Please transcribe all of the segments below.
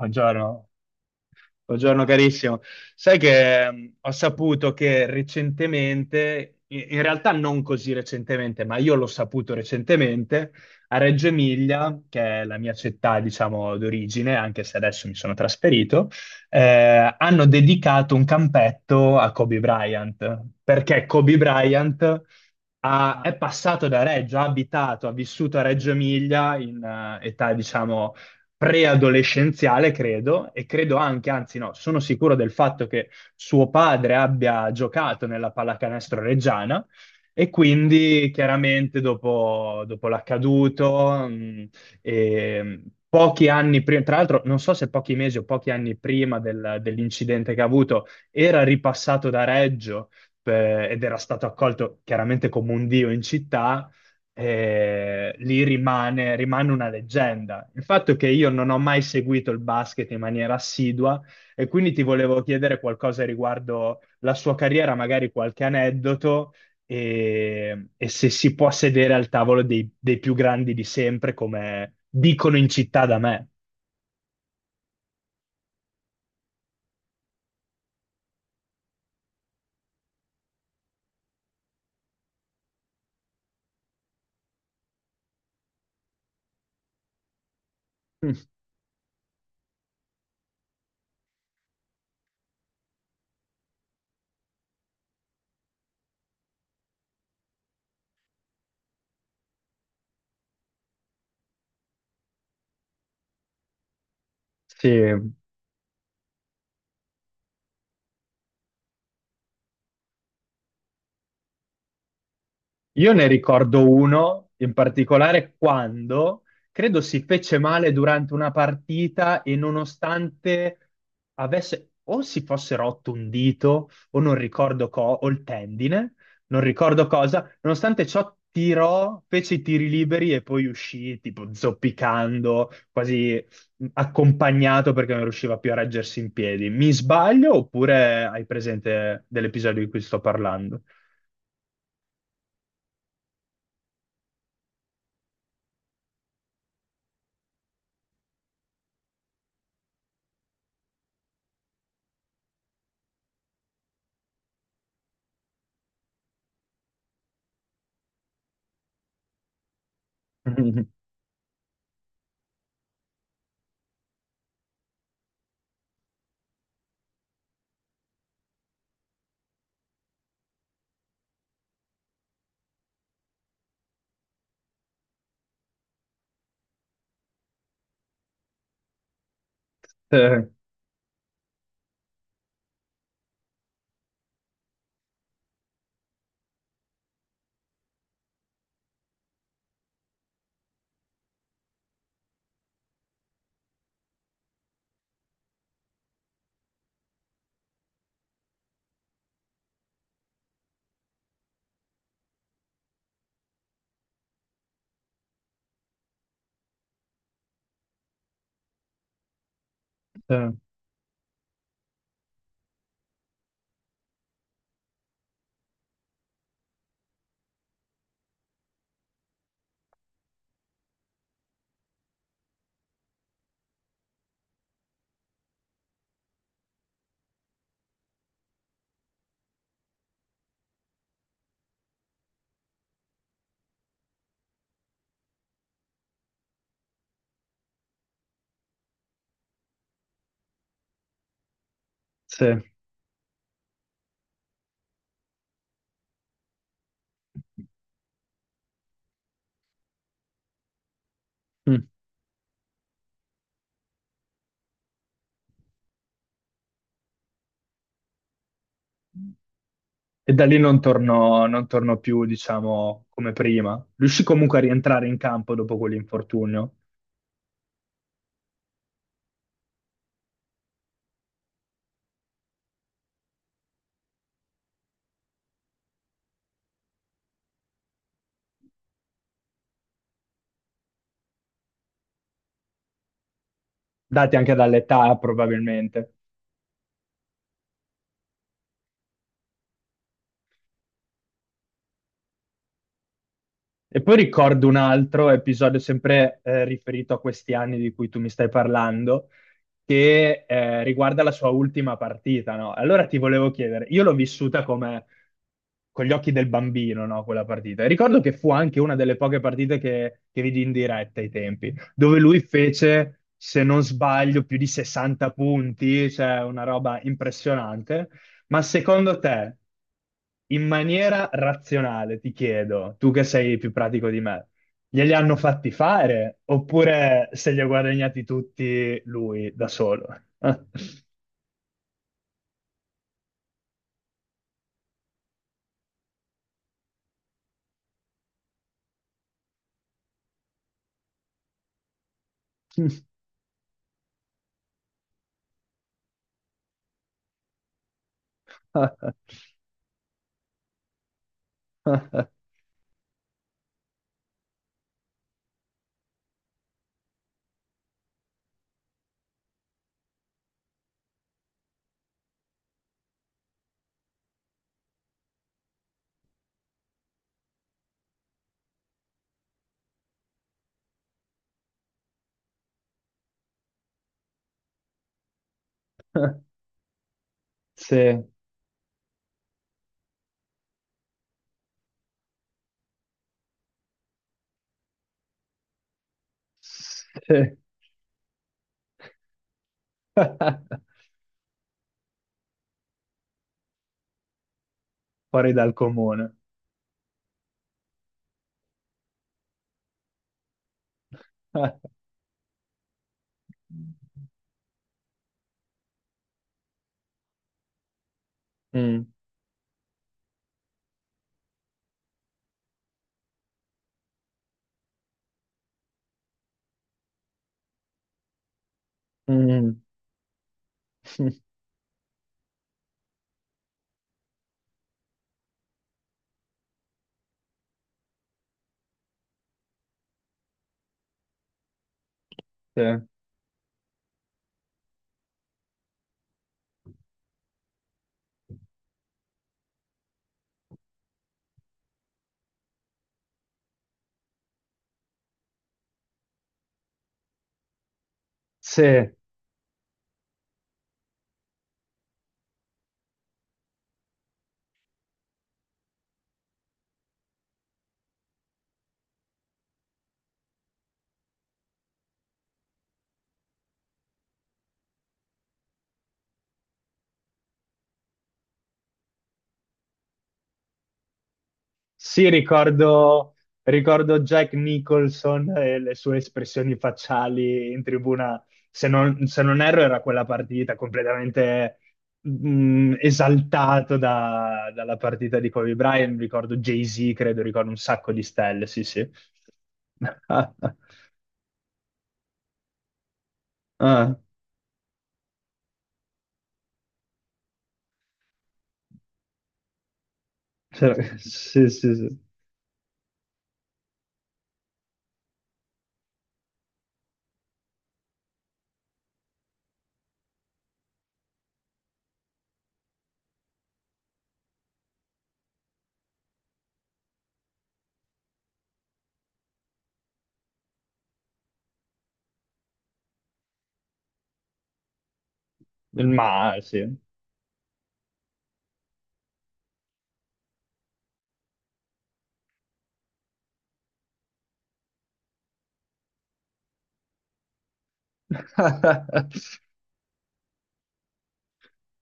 Buongiorno. Buongiorno carissimo. Sai che ho saputo che recentemente, in realtà non così recentemente, ma io l'ho saputo recentemente, a Reggio Emilia, che è la mia città, diciamo, d'origine, anche se adesso mi sono trasferito, hanno dedicato un campetto a Kobe Bryant, perché Kobe Bryant è passato da Reggio, ha abitato, ha vissuto a Reggio Emilia in età, diciamo, preadolescenziale, credo, e credo anche, anzi no, sono sicuro del fatto che suo padre abbia giocato nella pallacanestro reggiana e quindi chiaramente dopo l'accaduto, e pochi anni prima, tra l'altro non so se pochi mesi o pochi anni prima dell'incidente che ha avuto, era ripassato da Reggio ed era stato accolto chiaramente come un dio in città, lì rimane una leggenda. Il fatto è che io non ho mai seguito il basket in maniera assidua e quindi ti volevo chiedere qualcosa riguardo la sua carriera, magari qualche aneddoto e se si può sedere al tavolo dei più grandi di sempre, come dicono in città da me. Mm. Sì, io ne ricordo uno in particolare quando credo si fece male durante una partita e nonostante avesse o si fosse rotto un dito o non ricordo co o il tendine, non ricordo cosa, nonostante ciò tirò, fece i tiri liberi e poi uscì tipo zoppicando, quasi accompagnato perché non riusciva più a reggersi in piedi. Mi sbaglio oppure hai presente dell'episodio di cui sto parlando? Eh, eh. Sì. Mm. E da lì non torno più, diciamo, come prima. Riuscì comunque a rientrare in campo dopo quell'infortunio, dati anche dall'età probabilmente. E poi ricordo un altro episodio sempre riferito a questi anni di cui tu mi stai parlando, che riguarda la sua ultima partita, no? Allora ti volevo chiedere, io l'ho vissuta come con gli occhi del bambino, no, quella partita. E ricordo che fu anche una delle poche partite che vidi in diretta ai tempi, dove lui fece, se non sbaglio, più di 60 punti, cioè una roba impressionante. Ma secondo te, in maniera razionale, ti chiedo, tu che sei più pratico di me, glieli hanno fatti fare oppure se li ha guadagnati tutti lui da solo? Sì, sì. Fuori dal comune. Mm, mm, sì. Sì, Sì, ricordo, ricordo Jack Nicholson e le sue espressioni facciali in tribuna. Se non, se non erro, era quella partita completamente esaltato dalla partita di Kobe Bryant. Ricordo Jay-Z, credo, ricordo un sacco di stelle. Sì, sì. Ah, cioè, sì, sì, sì. Ma sì.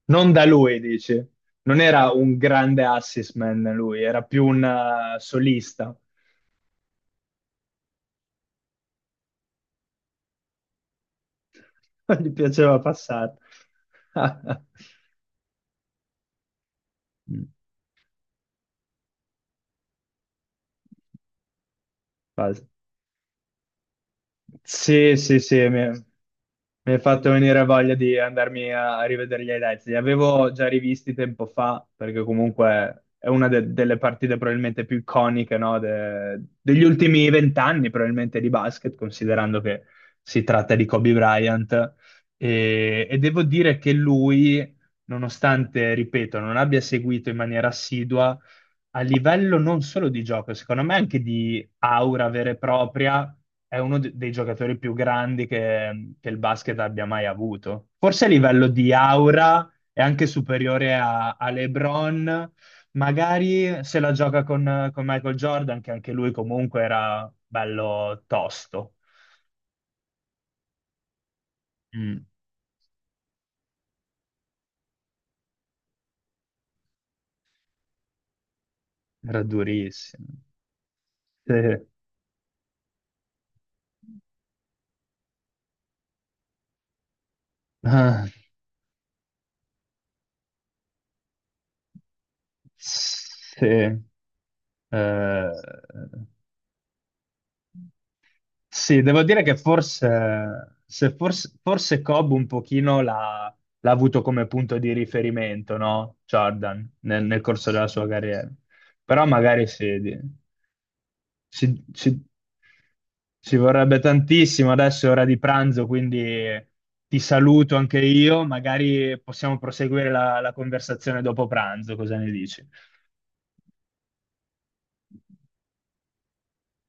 Non da lui, dici. Non era un grande assist man lui, era più un solista. Non gli piaceva passare. Mm. Basta. Sì, sì, sì, mi hai fatto venire voglia di andarmi a rivedere gli highlights. Li avevo già rivisti tempo fa, perché comunque è una delle partite probabilmente più iconiche, no, degli ultimi vent'anni, probabilmente di basket, considerando che si tratta di Kobe Bryant. E devo dire che lui, nonostante, ripeto, non abbia seguito in maniera assidua, a livello non solo di gioco, secondo me anche di aura vera e propria, è uno dei giocatori più grandi che il basket abbia mai avuto. Forse a livello di aura è anche superiore a LeBron, magari se la gioca con Michael Jordan, che anche lui comunque era bello tosto. Mm, era durissimo. Sì. Ah, sì. Eh, sì, devo dire che forse, se forse, forse Cobb un pochino l'ha l'ha avuto come punto di riferimento, no? Jordan, nel corso della sua carriera. Però magari sì, si, si- ci vorrebbe tantissimo, adesso è ora di pranzo, quindi ti saluto anche io, magari possiamo proseguire la conversazione dopo pranzo, cosa ne dici?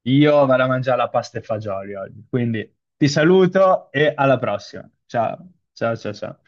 Io vado a mangiare la pasta e fagioli oggi, quindi ti saluto e alla prossima. Ciao, ciao, ciao, ciao.